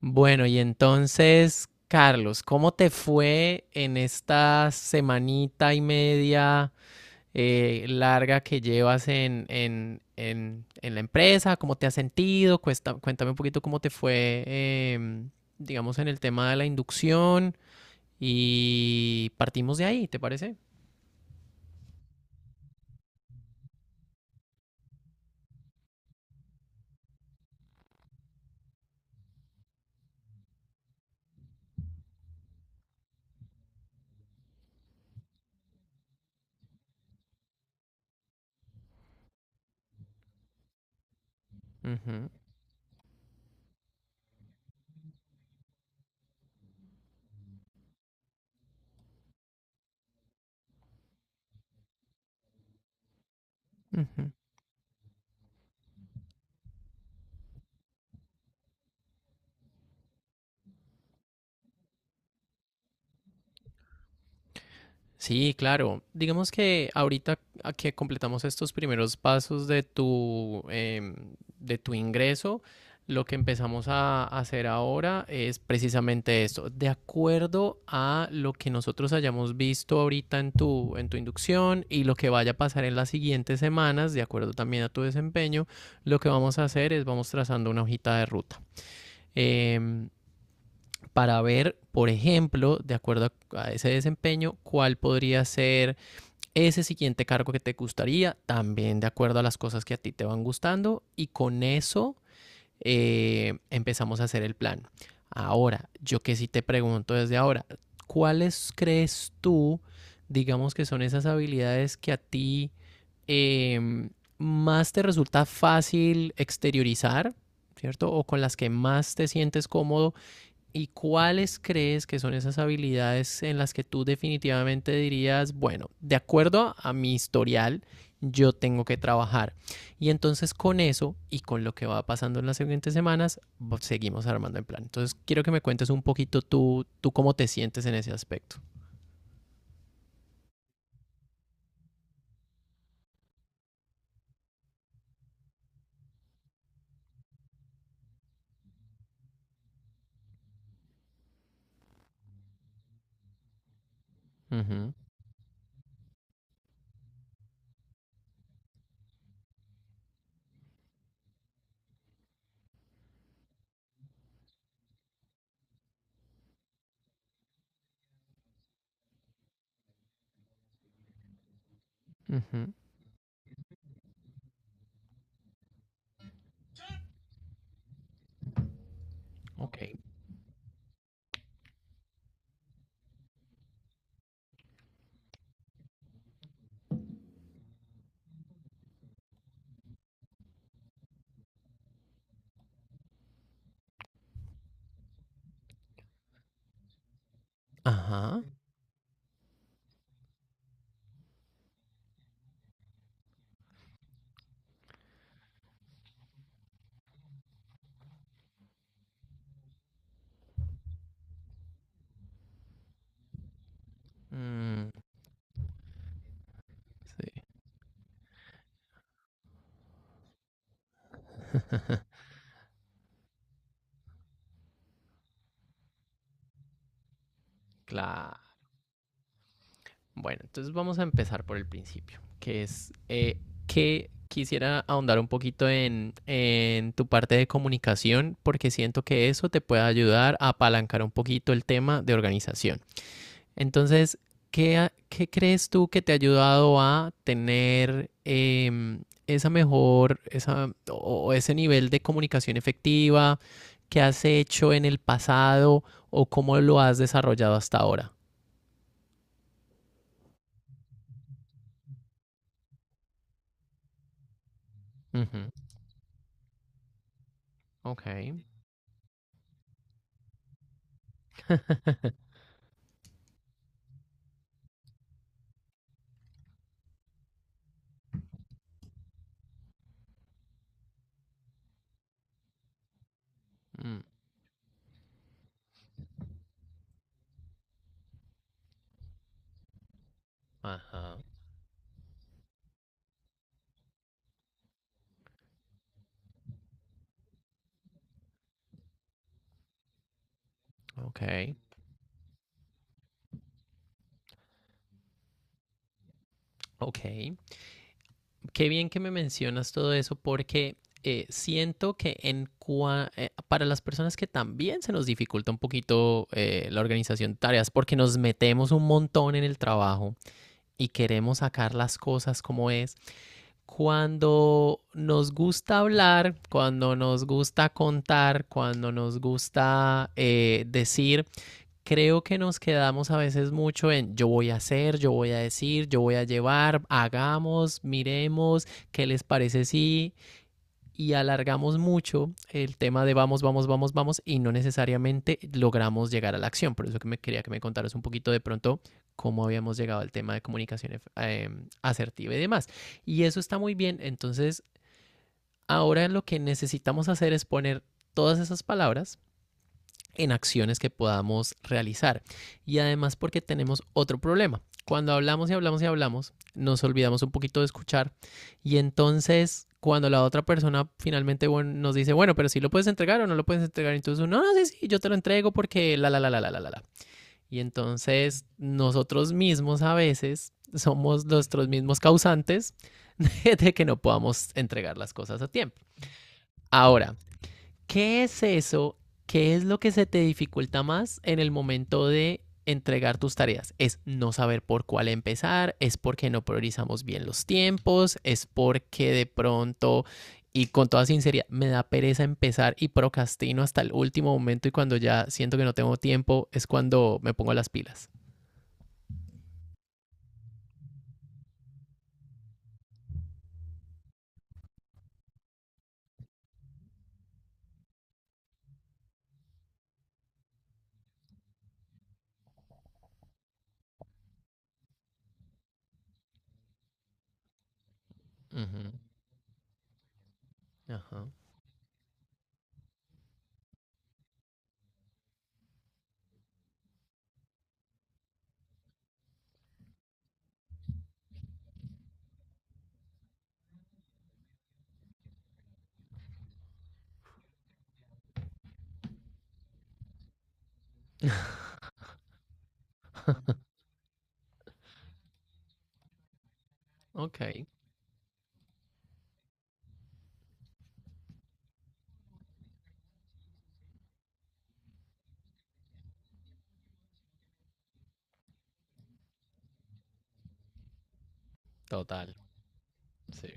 Bueno, y entonces, Carlos, ¿cómo te fue en esta semanita y media larga que llevas en la empresa? ¿Cómo te has sentido? Cuéntame un poquito cómo te fue, em, digamos, en el tema de la inducción y partimos de ahí, ¿te parece? Ujú, ujú. Sí, claro. Digamos que ahorita a que completamos estos primeros pasos de tu, de tu ingreso, lo que empezamos a hacer ahora es precisamente esto. De acuerdo a lo que nosotros hayamos visto ahorita en tu inducción y lo que vaya a pasar en las siguientes semanas, de acuerdo también a tu desempeño, lo que vamos a hacer es vamos trazando una hojita de ruta. em, para ver, por ejemplo, de acuerdo a ese desempeño, cuál podría ser ese siguiente cargo que te gustaría, también de acuerdo a las cosas que a ti te van gustando y con eso empezamos a hacer el plan. Ahora, yo que sí te pregunto desde ahora, ¿cuáles crees tú, digamos que son esas habilidades que a ti eh, más te resulta fácil exteriorizar, ¿cierto? O con las que más te sientes cómodo. ¿Y cuáles crees que son esas habilidades en las que tú definitivamente dirías, bueno, de acuerdo a mi historial, yo tengo que trabajar? Y entonces con eso y con lo que va pasando en las siguientes semanas, pues, seguimos armando el plan. Entonces quiero que me cuentes un poquito tú cómo te sientes en ese aspecto. Uh -huh, uh -huh, ok. Ajá. Mm, sí. Claro. Bueno, entonces vamos a empezar por el principio, que es que quisiera ahondar un poquito en tu parte de comunicación, porque siento que eso te puede ayudar a apalancar un poquito el tema de organización. Entonces, ¿qué, ¿qué crees tú que te ha ayudado a tener esa mejor, esa, o ese nivel de comunicación efectiva que has hecho en el pasado o cómo lo has desarrollado hasta ahora? Ujú, ok. Mm. Ajá. Ok. Ok. Qué bien que me mencionas todo eso porque siento que para las personas que también se nos dificulta un poquito la organización de tareas porque nos metemos un montón en el trabajo y queremos sacar las cosas como es. Cuando nos gusta hablar, cuando nos gusta contar, cuando nos gusta decir, creo que nos quedamos a veces mucho en yo voy a hacer, yo voy a decir, yo voy a llevar, hagamos, miremos, qué les parece si y alargamos mucho el tema de vamos, vamos, vamos, vamos y no necesariamente logramos llegar a la acción. Por eso que me quería que me contaras un poquito de pronto cómo habíamos llegado al tema de comunicación asertiva y demás. Y eso está muy bien. Entonces, ahora lo que necesitamos hacer es poner todas esas palabras en acciones que podamos realizar. Y además porque tenemos otro problema. Cuando hablamos y hablamos y hablamos, nos olvidamos un poquito de escuchar y entonces cuando la otra persona finalmente bueno, nos dice, bueno, pero si sí lo puedes entregar o no lo puedes entregar, entonces no, no, sí, sí, yo te lo entrego porque la, la, la, la, la, la, la. Y entonces nosotros mismos a veces somos nuestros mismos causantes de que no podamos entregar las cosas a tiempo. Ahora, ¿qué es eso? ¿Qué es lo que se te dificulta más en el momento de entregar tus tareas? Es no saber por cuál empezar, es porque no priorizamos bien los tiempos, es porque de pronto, y con toda sinceridad, me da pereza empezar y procrastino hasta el último momento y cuando ya siento que no tengo tiempo es cuando me pongo las pilas. Ujú, ajá. Ok. Total. Sí.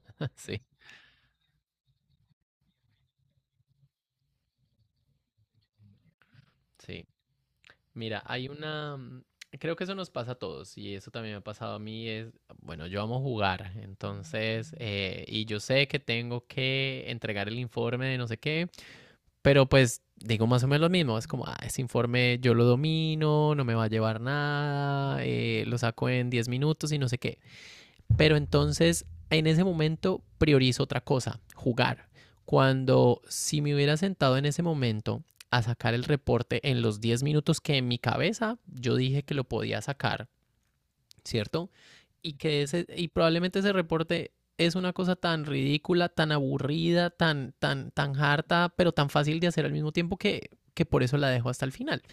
Sí. Sí. Mira, hay una... creo que eso nos pasa a todos y eso también me ha pasado a mí. Es, bueno, yo amo jugar, entonces, y yo sé que tengo que entregar el informe de no sé qué, pero pues digo más o menos lo mismo. Es como, ah, ese informe yo lo domino, no me va a llevar nada, lo saco en 10 minutos y no sé qué. Pero entonces, en ese momento, priorizo otra cosa, jugar. Cuando si me hubiera sentado en ese momento a sacar el reporte en los 10 minutos que en mi cabeza yo dije que lo podía sacar, ¿cierto? Y que ese, y probablemente ese reporte es una cosa tan ridícula, tan aburrida, tan, tan, tan harta, pero tan fácil de hacer al mismo tiempo que por eso la dejo hasta el final.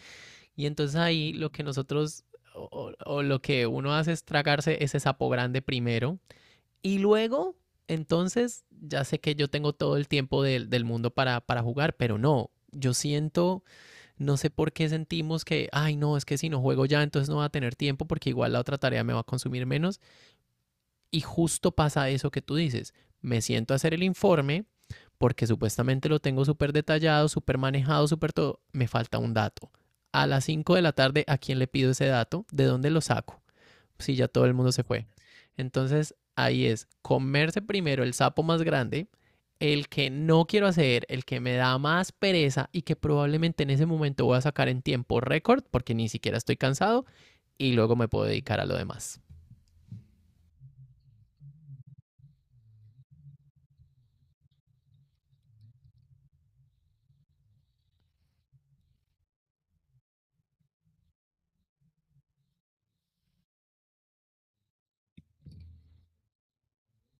Y entonces ahí lo que nosotros o lo que uno hace es tragarse ese sapo grande primero y luego, entonces, ya sé que yo tengo todo el tiempo del mundo para jugar, pero no, yo siento, no sé por qué sentimos que, ay, no, es que si no juego ya, entonces no va a tener tiempo porque igual la otra tarea me va a consumir menos. Y justo pasa eso que tú dices, me siento a hacer el informe porque supuestamente lo tengo súper detallado, súper manejado, súper todo, me falta un dato. A las 5 de la tarde, ¿a quién le pido ese dato? ¿De dónde lo saco? Sí, ya todo el mundo se fue. Entonces, ahí es comerse primero el sapo más grande, el que no quiero hacer, el que me da más pereza y que probablemente en ese momento voy a sacar en tiempo récord porque ni siquiera estoy cansado y luego me puedo dedicar a lo demás.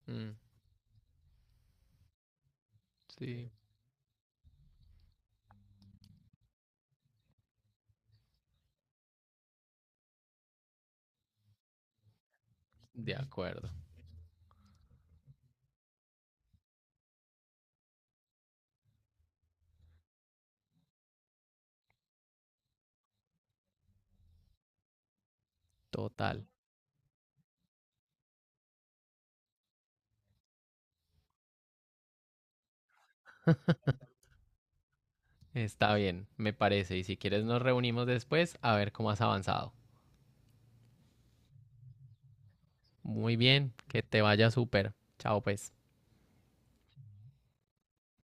Mm, sí, de acuerdo, total. Está bien, me parece. Y si quieres nos reunimos después a ver cómo has avanzado. Muy bien, que te vaya súper. Chao pues.